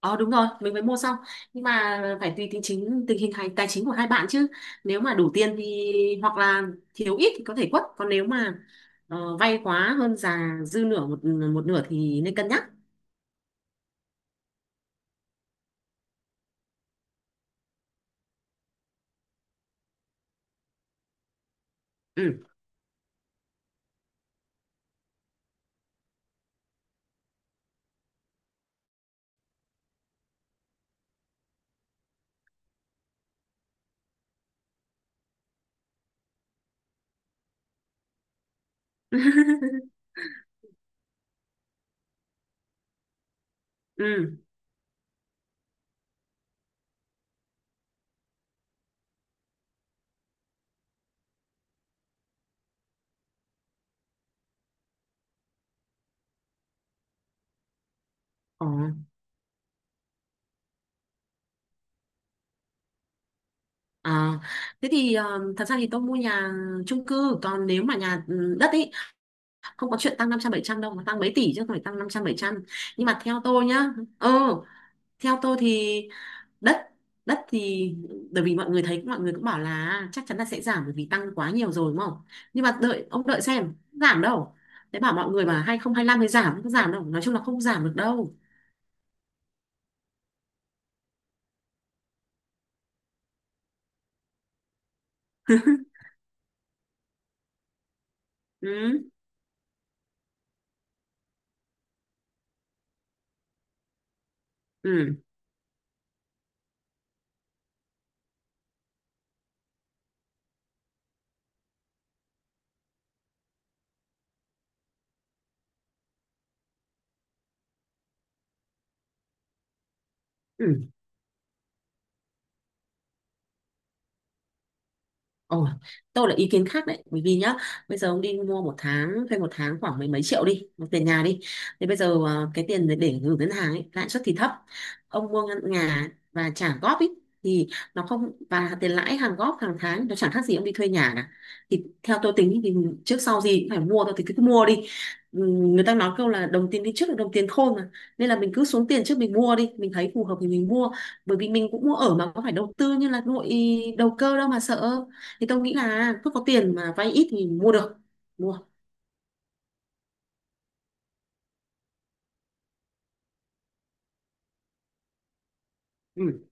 Ờ đúng rồi, mình mới mua xong. Nhưng mà phải tùy tình hình tài chính của hai bạn chứ. Nếu mà đủ tiền thì hoặc là thiếu ít thì có thể quất, còn nếu mà vay quá hơn giá dư nửa một một nửa thì nên cân nhắc. Ừ. Ừ. Ờ. À, thế thì thật ra thì tôi mua nhà chung cư, còn nếu mà nhà đất ấy, không có chuyện tăng năm trăm bảy trăm đâu mà tăng mấy tỷ chứ không phải tăng năm trăm bảy trăm. Nhưng mà theo tôi nhá. Ừ. Theo tôi thì đất, đất thì bởi vì mọi người thấy mọi người cũng bảo là chắc chắn là sẽ giảm bởi vì tăng quá nhiều rồi, đúng không? Nhưng mà đợi, ông đợi xem giảm đâu. Thế bảo mọi người mà 2025 mới giảm, không giảm đâu, nói chung là không giảm được đâu. Ừ. Ừ. Ừ. Ồ, tôi là ý kiến khác đấy, bởi vì nhá bây giờ ông đi mua, một tháng thuê một tháng khoảng mấy mấy triệu đi tiền nhà đi, thì bây giờ cái tiền để gửi ngân hàng ấy, lãi suất thì thấp. Ông mua nhà và trả góp ấy, thì nó không, và tiền lãi hàng góp hàng tháng nó chẳng khác gì ông đi thuê nhà cả. Thì theo tôi tính thì trước sau gì cũng phải mua thôi, thì cứ mua đi. Ừ, người ta nói câu là đồng tiền đi trước là đồng tiền khôn mà, nên là mình cứ xuống tiền trước, mình mua đi, mình thấy phù hợp thì mình mua, bởi vì mình cũng mua ở mà có phải đầu tư như là đầu cơ đâu mà sợ. Thì tôi nghĩ là cứ có tiền mà vay ít thì mua được mua. Ừ.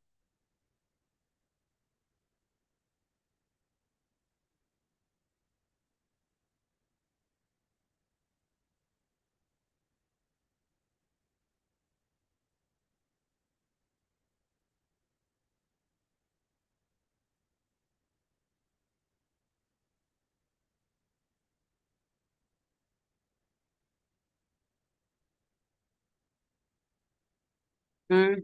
Ừ.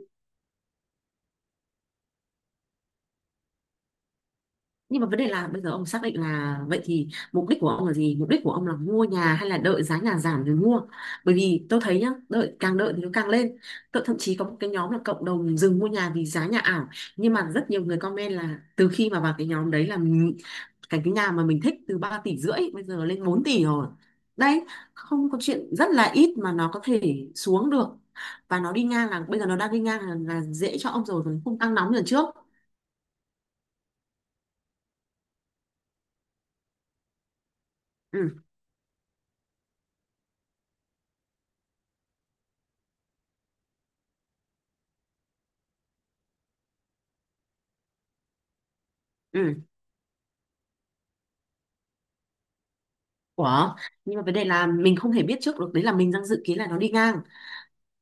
Nhưng mà vấn đề là bây giờ ông xác định là vậy thì mục đích của ông là gì, mục đích của ông là mua nhà hay là đợi giá nhà giảm rồi mua? Bởi vì tôi thấy nhá, đợi, càng đợi thì nó càng lên. Tôi thậm chí có một cái nhóm là cộng đồng dừng mua nhà vì giá nhà ảo, nhưng mà rất nhiều người comment là từ khi mà vào cái nhóm đấy là cái nhà mà mình thích từ 3,5 tỷ bây giờ lên 4 tỷ rồi đấy. Không có chuyện, rất là ít mà nó có thể xuống được. Và nó đi ngang, là bây giờ nó đang đi ngang là dễ cho ông rồi, còn không tăng nóng như lần trước. Ừ. Ừ. Ủa, nhưng mà vấn đề là mình không thể biết trước được đấy, là mình đang dự kiến là nó đi ngang,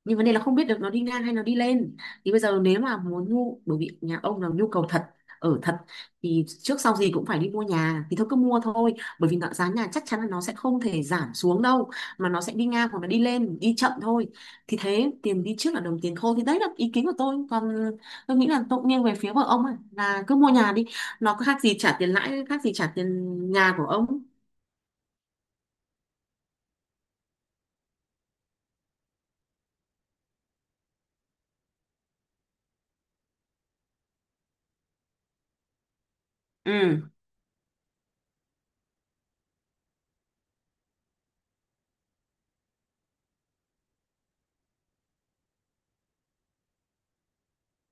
nhưng vấn đề là không biết được nó đi ngang hay nó đi lên. Thì bây giờ nếu mà muốn, bởi vì nhà ông là nhu cầu thật, ở thật, thì trước sau gì cũng phải đi mua nhà, thì thôi cứ mua thôi. Bởi vì giá nhà chắc chắn là nó sẽ không thể giảm xuống đâu, mà nó sẽ đi ngang hoặc là đi lên đi chậm thôi. Thì thế tiền đi trước là đồng tiền khô, thì đấy là ý kiến của tôi. Còn tôi nghĩ là tôi cũng nghiêng về phía của ông ấy, là cứ mua nhà đi, nó có khác gì trả tiền lãi, khác gì trả tiền nhà của ông. Ừ.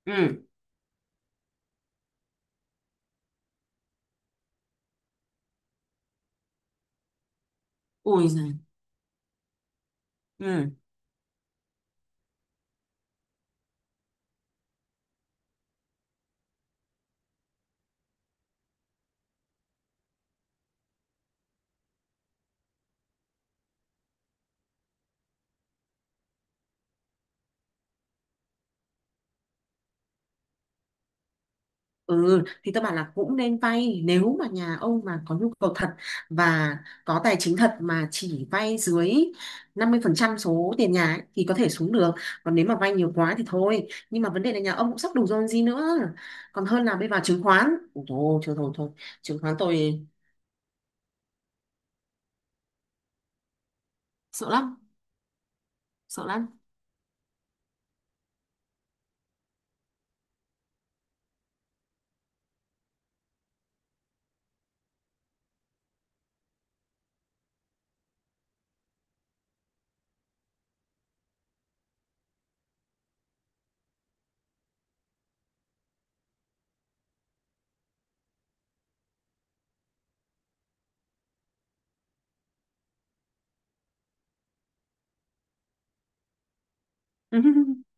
Ừ. Ui giời. Ừ. Ừ, thì tôi bảo là cũng nên vay nếu mà nhà ông mà có nhu cầu thật và có tài chính thật, mà chỉ vay dưới 50% số tiền nhà ấy, thì có thể xuống được. Còn nếu mà vay nhiều quá thì thôi, nhưng mà vấn đề là nhà ông cũng sắp đủ rồi còn gì nữa, còn hơn là bây vào chứng khoán. Ủa, thôi thôi thôi thôi, chứng khoán tôi sợ lắm, sợ lắm.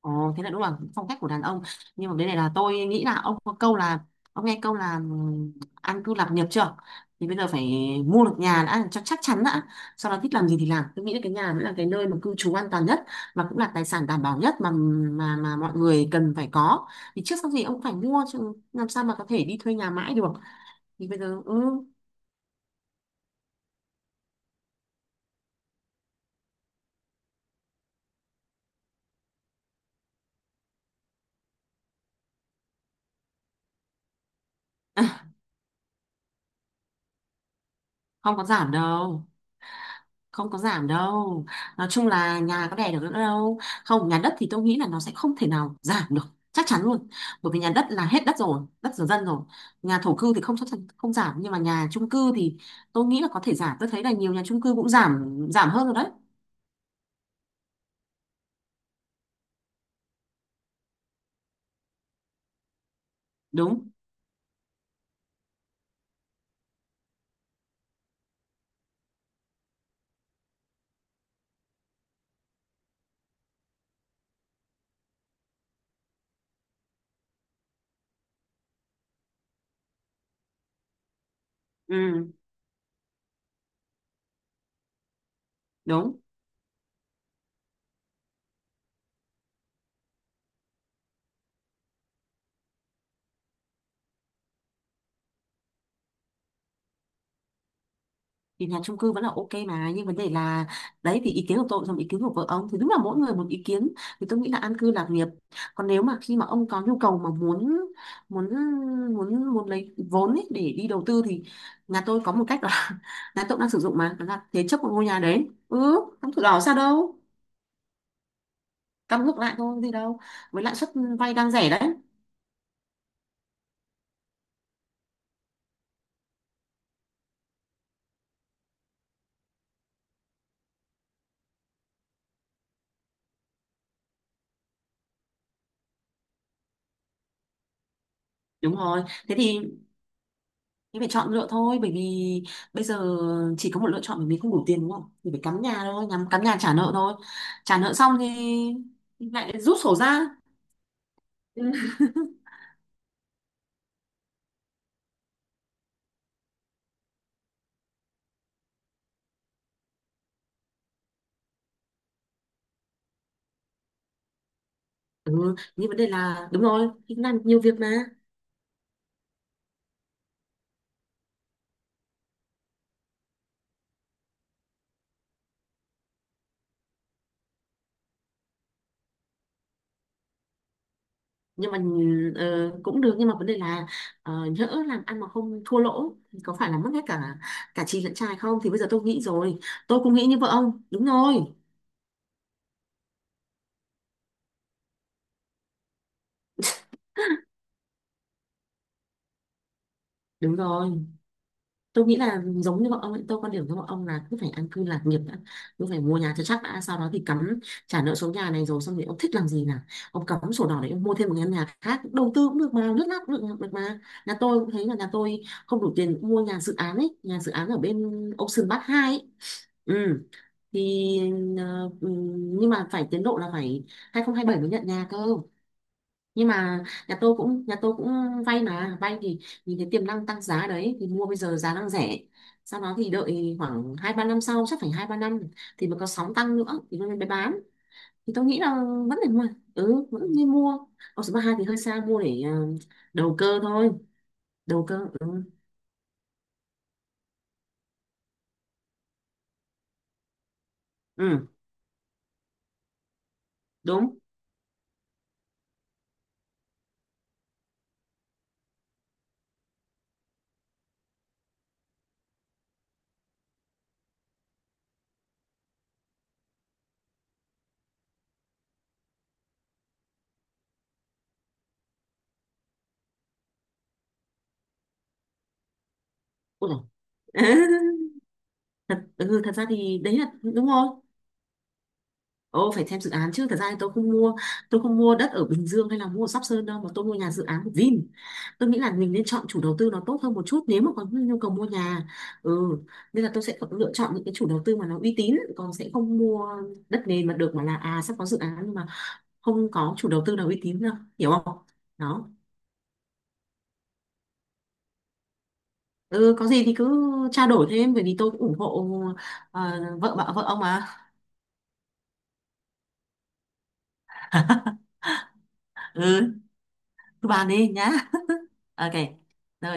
Ồ, thế là đúng là phong cách của đàn ông. Nhưng mà bên này là tôi nghĩ là ông có câu là, ông nghe câu là an cư lạc nghiệp chưa, thì bây giờ phải mua được nhà đã cho chắc chắn đã, sau đó thích làm gì thì làm. Tôi nghĩ là cái nhà mới là cái nơi mà cư trú an toàn nhất, và cũng là tài sản đảm bảo nhất mà mọi người cần phải có. Thì trước sau gì ông cũng phải mua chứ làm sao mà có thể đi thuê nhà mãi được. Thì bây giờ không có giảm đâu, không có giảm đâu, nói chung là nhà có đẻ được nữa đâu. Không, nhà đất thì tôi nghĩ là nó sẽ không thể nào giảm được, chắc chắn luôn, bởi vì nhà đất là hết đất rồi, đất rồi dân rồi. Nhà thổ cư thì không, chắc chắn không giảm, nhưng mà nhà chung cư thì tôi nghĩ là có thể giảm. Tôi thấy là nhiều nhà chung cư cũng giảm, giảm hơn rồi đấy. Đúng. Ừ. Đúng. Thì nhà chung cư vẫn là ok mà, nhưng vấn đề là đấy, thì ý kiến của tôi xong, ý kiến của vợ ông thì đúng là mỗi người một ý kiến. Thì tôi nghĩ là an cư lạc nghiệp. Còn nếu mà khi mà ông có nhu cầu mà muốn muốn muốn muốn lấy vốn ấy để đi đầu tư thì nhà tôi có một cách là, nhà tôi cũng đang sử dụng mà, đó là thế chấp một ngôi nhà đấy, không thủ đỏ sao đâu. Cắm ngược lại thôi, gì đâu, với lãi suất vay đang rẻ đấy. Đúng rồi, thế thì em phải chọn lựa thôi, bởi vì bây giờ chỉ có một lựa chọn, bởi vì không đủ tiền đúng không? Thì phải cắm nhà thôi, nhắm cắm nhà trả nợ thôi. Trả nợ xong thì lại rút sổ ra. Ừ. Ừ, nhưng vấn đề là đúng rồi, thì làm nhiều việc mà. Nhưng mà ờ, cũng được, nhưng mà vấn đề là nhỡ làm ăn mà không thua lỗ thì có phải là mất hết cả, cả chì lẫn chài không? Thì bây giờ tôi nghĩ rồi, tôi cũng nghĩ như vợ ông. Đúng rồi. Đúng rồi. Tôi nghĩ là giống như bọn ông ấy, tôi quan điểm với bọn ông là cứ phải an cư lạc nghiệp đã, cứ phải mua nhà cho chắc đã, sau đó thì cắm trả nợ số nhà này rồi, xong thì ông thích làm gì là ông cắm sổ đỏ để ông mua thêm một căn nhà khác đầu tư cũng được mà lướt lát cũng được, được mà. Nhà tôi cũng thấy là nhà tôi không đủ tiền mua nhà dự án ấy, nhà dự án ở bên Ocean Park hai ấy. Ừ. Thì ờ, ừ, nhưng mà phải tiến độ là phải 2027 mới nhận nhà cơ, nhưng mà nhà tôi cũng vay. Mà vay thì nhìn thấy tiềm năng tăng giá đấy thì mua, bây giờ giá đang rẻ, sau đó thì đợi khoảng hai ba năm sau, chắc phải hai ba năm thì mà có sóng tăng nữa thì mới mới bán. Thì tôi nghĩ là vẫn nên mua. Ừ. Ừ. Vẫn nên mua. Còn số ba hai thì hơi xa, mua để đầu cơ thôi. Đầu cơ. Ừ. Ừ. Đúng. Ôi dồi. Thật ra thì đấy là đúng rồi. Ồ, phải xem dự án chứ. Thật ra thì tôi không mua đất ở Bình Dương hay là mua ở Sóc Sơn đâu, mà tôi mua nhà dự án của Vin. Tôi nghĩ là mình nên chọn chủ đầu tư nó tốt hơn một chút nếu mà có nhu cầu mua nhà. Ừ, nên là tôi sẽ lựa chọn những cái chủ đầu tư mà nó uy tín, còn sẽ không mua đất nền mà được mà là sắp có dự án nhưng mà không có chủ đầu tư nào uy tín đâu, hiểu không? Đó. Ừ, có gì thì cứ trao đổi thêm bởi vì tôi cũng ủng hộ ờ, vợ ông mà. Ừ, cứ bàn đi nhá. Ok. Rồi